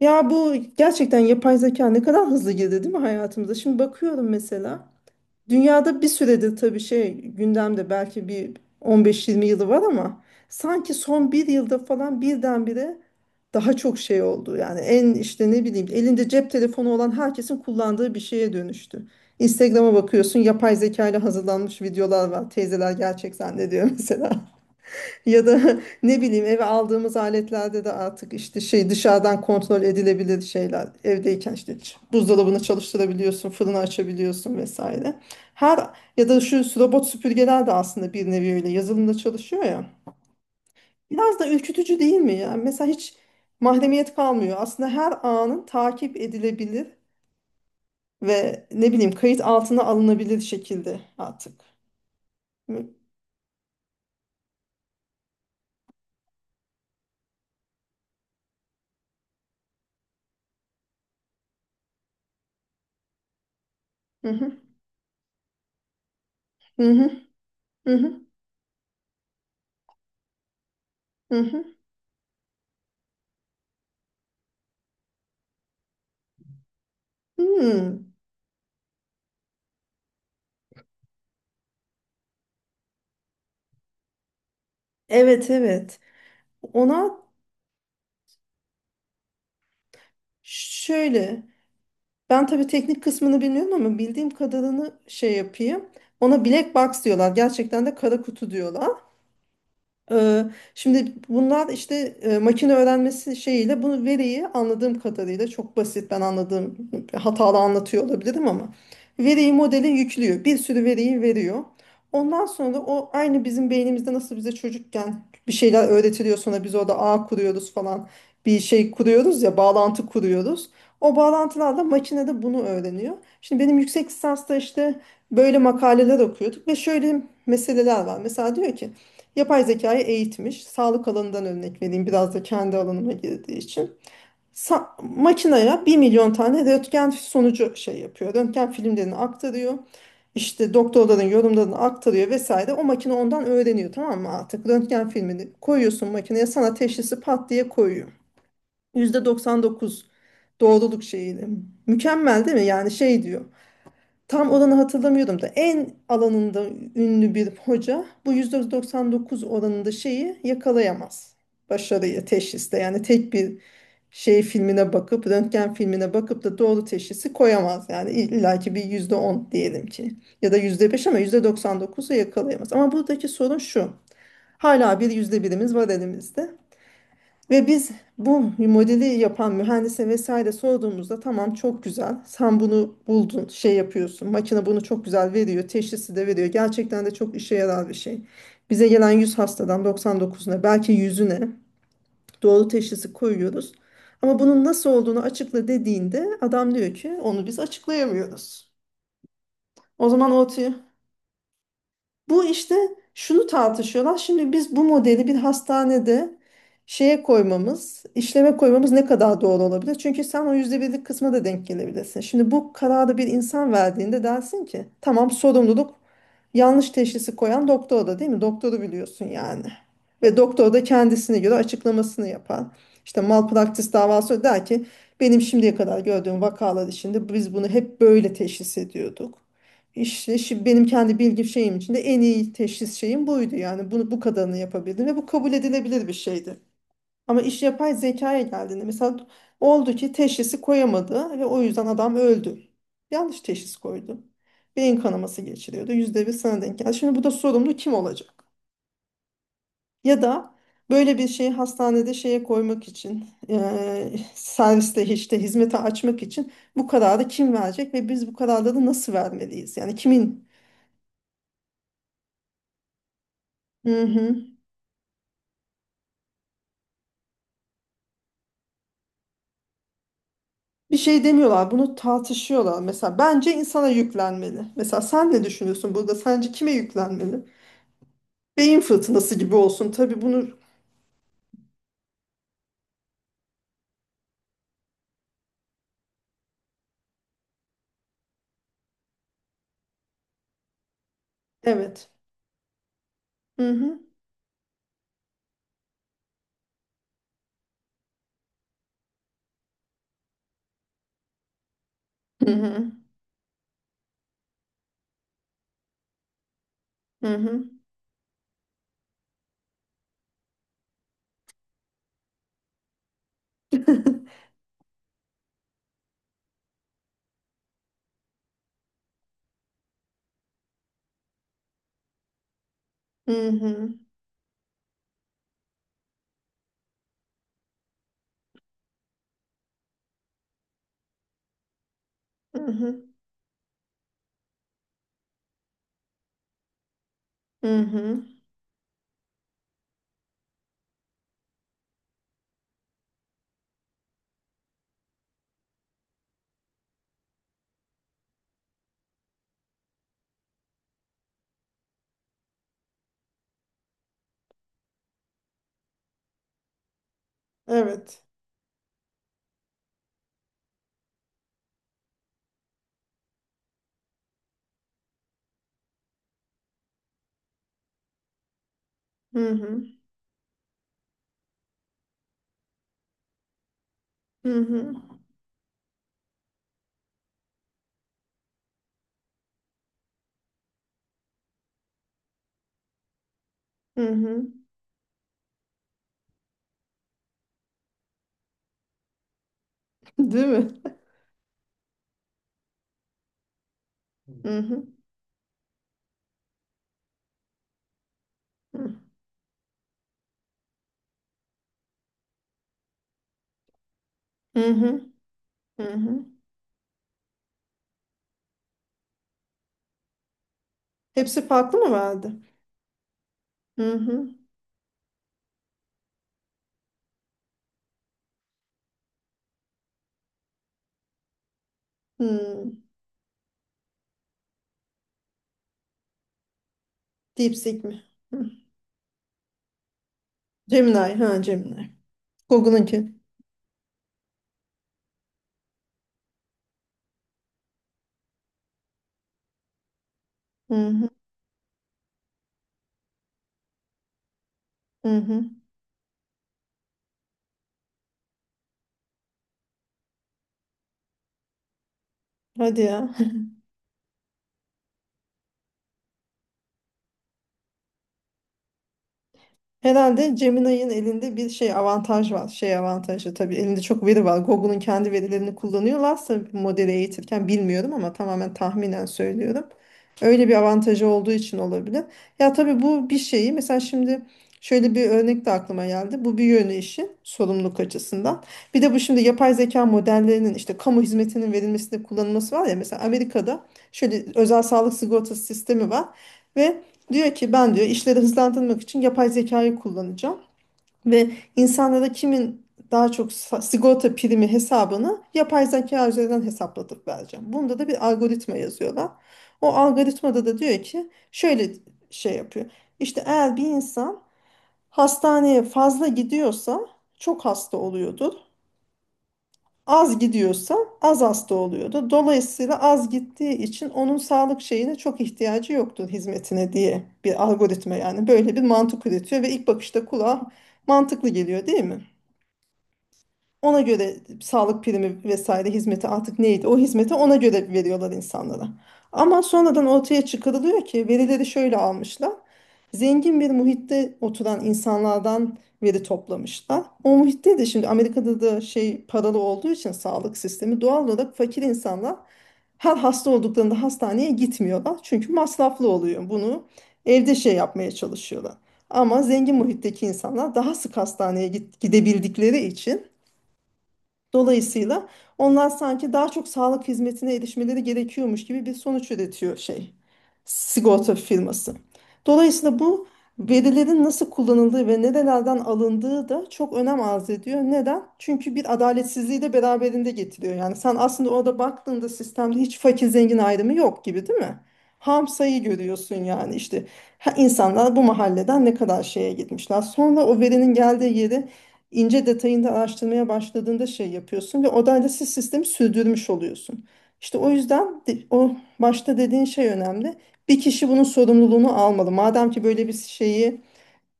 Ya bu gerçekten yapay zeka ne kadar hızlı girdi, değil mi, hayatımıza? Şimdi bakıyorum, mesela dünyada bir süredir tabii şey gündemde, belki bir 15-20 yılı var, ama sanki son bir yılda falan birdenbire daha çok şey oldu. Yani en işte ne bileyim, elinde cep telefonu olan herkesin kullandığı bir şeye dönüştü. Instagram'a bakıyorsun, yapay zeka ile hazırlanmış videolar var. Teyzeler gerçek zannediyor mesela. Ya da ne bileyim, eve aldığımız aletlerde de artık işte şey, dışarıdan kontrol edilebilir şeyler. Evdeyken işte buzdolabını çalıştırabiliyorsun, fırını açabiliyorsun vesaire. Her Ya da şu robot süpürgeler de aslında bir nevi öyle yazılımda çalışıyor ya. Biraz da ürkütücü değil mi ya? Mesela hiç mahremiyet kalmıyor. Aslında her anın takip edilebilir ve ne bileyim, kayıt altına alınabilir şekilde artık. Hı hı, hı hı, hı hı, hı hı. Hmm. Evet, evet. Ona şöyle, ben tabii teknik kısmını bilmiyorum ama bildiğim kadarını şey yapayım. Ona black box diyorlar. Gerçekten de kara kutu diyorlar. Ee, şimdi bunlar işte makine öğrenmesi şeyiyle bunu, veriyi, anladığım kadarıyla çok basit, ben anladığım hatalı anlatıyor olabilirim ama veriyi modele yüklüyor. Bir sürü veriyi veriyor. Ondan sonra o, aynı bizim beynimizde nasıl bize çocukken bir şeyler öğretiliyor, sonra biz orada ağ kuruyoruz falan, bir şey kuruyoruz ya, bağlantı kuruyoruz. O bağlantılarla makine de bunu öğreniyor. Şimdi benim yüksek lisansta işte böyle makaleler okuyorduk ve şöyle meseleler var. Mesela diyor ki yapay zekayı eğitmiş. Sağlık alanından örnek vereyim, biraz da kendi alanıma girdiği için. Makinaya 1 milyon tane röntgen sonucu şey yapıyor, röntgen filmlerini aktarıyor. İşte doktorların yorumlarını aktarıyor vesaire. O makine ondan öğreniyor, tamam mı, artık? Röntgen filmini koyuyorsun makineye, sana teşhisi pat diye koyuyor. %99 doğruluk şeyiyle. Mükemmel değil mi? Yani şey diyor. Tam oranı hatırlamıyorum da, en alanında ünlü bir hoca bu %99 oranında şeyi yakalayamaz, başarıyı, teşhiste. Yani tek bir şey filmine bakıp, röntgen filmine bakıp da doğru teşhisi koyamaz. Yani illaki bir %10 diyelim ki, ya da %5, ama %99'u yakalayamaz. Ama buradaki sorun şu. Hala bir yüzde birimiz var elimizde. Ve biz bu modeli yapan mühendise vesaire sorduğumuzda, tamam, çok güzel, sen bunu buldun, şey yapıyorsun, makine bunu çok güzel veriyor, teşhisi de veriyor, gerçekten de çok işe yarar bir şey. Bize gelen 100 hastadan 99'una, belki yüzüne doğru teşhisi koyuyoruz. Ama bunun nasıl olduğunu açıkla dediğinde adam diyor ki onu biz açıklayamıyoruz. O zaman ortaya bu işte, şunu tartışıyorlar. Şimdi biz bu modeli bir hastanede şeye koymamız, işleme koymamız ne kadar doğru olabilir? Çünkü sen o yüzde birlik kısma da denk gelebilirsin. Şimdi bu kararı bir insan verdiğinde dersin ki tamam, sorumluluk yanlış teşhisi koyan doktor, da, değil mi? Doktoru biliyorsun yani. Ve doktor da kendisine göre açıklamasını yapar. İşte malpraktis davası, der ki benim şimdiye kadar gördüğüm vakalar içinde biz bunu hep böyle teşhis ediyorduk. İşte benim kendi bilgi şeyim içinde en iyi teşhis şeyim buydu. Yani bunu, bu kadarını yapabildim ve bu kabul edilebilir bir şeydi. Ama iş yapay zekaya geldiğinde, mesela oldu ki teşhisi koyamadı ve o yüzden adam öldü. Yanlış teşhis koydu. Beyin kanaması geçiriyordu. %1 sana denk geldi. Şimdi bu da, sorumlu kim olacak? Ya da böyle bir şeyi hastanede şeye koymak için, serviste işte hizmete açmak için bu kararı kim verecek ve biz bu kararları nasıl vermeliyiz? Yani kimin? Hı hı. Bir şey demiyorlar, bunu tartışıyorlar. Mesela bence insana yüklenmeli. Mesela sen ne düşünüyorsun burada? Sence kime yüklenmeli? Beyin fırtınası gibi olsun. Tabii bunu. Evet. Hı hı. Hı hı. Hı hı. Hı hı. Hı hı. Hı hı. Evet. Hı hı. Hı hı. Hı hı. Değil mi? Hı hı. Hı hı. Hı hı. Hepsi farklı mı verdi? Hı hı. Hı. DeepSeek mi? Hı. Gemini. Ha, Gemini. Google'ınki. Hı hı. Hı hı. Hadi ya. Herhalde Gemini'nin elinde bir şey avantaj var. Şey avantajı, tabii elinde çok veri var. Google'un kendi verilerini kullanıyorlarsa modeli eğitirken bilmiyorum ama tamamen tahminen söylüyorum. Öyle bir avantajı olduğu için olabilir. Ya tabii, bu bir şeyi mesela, şimdi şöyle bir örnek de aklıma geldi. Bu bir yönü, işi sorumluluk açısından. Bir de bu, şimdi yapay zeka modellerinin işte kamu hizmetinin verilmesinde kullanılması var ya, mesela Amerika'da şöyle özel sağlık sigortası sistemi var ve diyor ki ben, diyor, işleri hızlandırmak için yapay zekayı kullanacağım ve insanlara kimin daha çok sigorta primi hesabını yapay zeka üzerinden hesaplatıp vereceğim. Bunda da bir algoritma yazıyorlar. O algoritmada da diyor ki şöyle şey yapıyor. İşte eğer bir insan hastaneye fazla gidiyorsa çok hasta oluyordur. Az gidiyorsa az hasta oluyordu. Dolayısıyla az gittiği için onun sağlık şeyine çok ihtiyacı yoktur, hizmetine, diye bir algoritma, yani böyle bir mantık üretiyor ve ilk bakışta kulağa mantıklı geliyor, değil mi? Ona göre sağlık primi vesaire hizmeti, artık neydi o hizmeti, ona göre veriyorlar insanlara. Ama sonradan ortaya çıkarılıyor ki verileri şöyle almışlar. Zengin bir muhitte oturan insanlardan veri toplamışlar. O muhitte de, şimdi Amerika'da da şey paralı olduğu için sağlık sistemi, doğal olarak fakir insanlar her hasta olduklarında hastaneye gitmiyorlar. Çünkü masraflı oluyor. Bunu evde şey yapmaya çalışıyorlar. Ama zengin muhitteki insanlar daha sık hastaneye gidebildikleri için, dolayısıyla onlar sanki daha çok sağlık hizmetine erişmeleri gerekiyormuş gibi bir sonuç üretiyor şey, sigorta firması. Dolayısıyla bu verilerin nasıl kullanıldığı ve nerelerden alındığı da çok önem arz ediyor. Neden? Çünkü bir adaletsizliği de beraberinde getiriyor. Yani sen aslında orada baktığında sistemde hiç fakir zengin ayrımı yok gibi, değil mi? Ham sayı görüyorsun yani. İşte ha, insanlar bu mahalleden ne kadar şeye gitmişler. Sonra o verinin geldiği yeri ince detayında araştırmaya başladığında şey yapıyorsun ve o siz sistemi sürdürmüş oluyorsun. İşte o yüzden o başta dediğin şey önemli. Bir kişi bunun sorumluluğunu almalı. Madem ki böyle bir şeyi,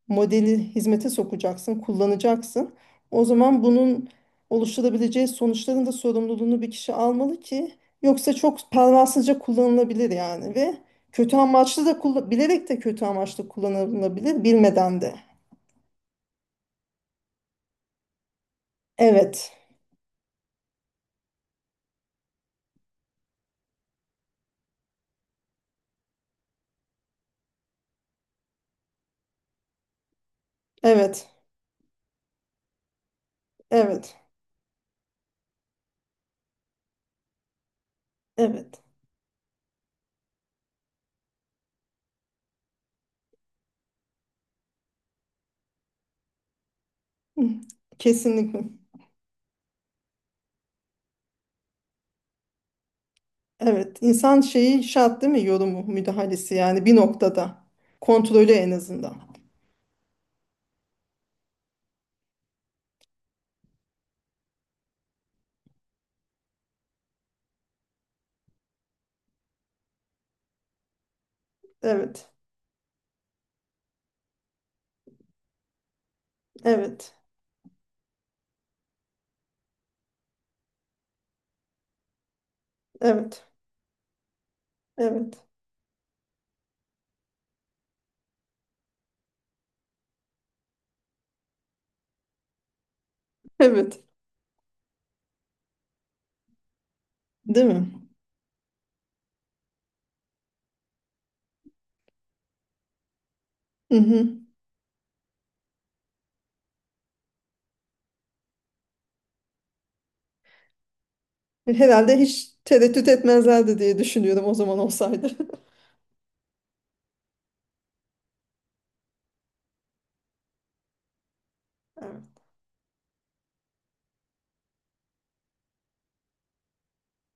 modeli hizmete sokacaksın, kullanacaksın. O zaman bunun oluşturabileceği sonuçların da sorumluluğunu bir kişi almalı ki, yoksa çok pervasızca kullanılabilir yani, ve kötü amaçlı da kullan, bilerek de kötü amaçlı kullanılabilir, bilmeden de. Evet. Evet. Evet. Evet. Hı, kesinlikle. Evet. İnsan şeyi şart, değil mi? Yorumu, müdahalesi, yani bir noktada. Kontrolü en azından. Evet. Evet. Evet. Evet. Evet. Değil mi? Hı hı. Herhalde hiç tereddüt etmezlerdi diye düşünüyorum o zaman olsaydı.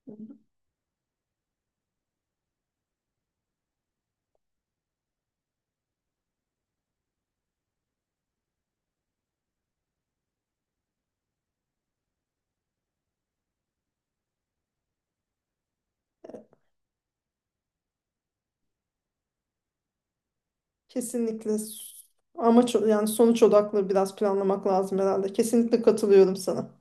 Evet. Kesinlikle. Amaç, yani sonuç odaklı biraz planlamak lazım herhalde. Kesinlikle katılıyorum sana.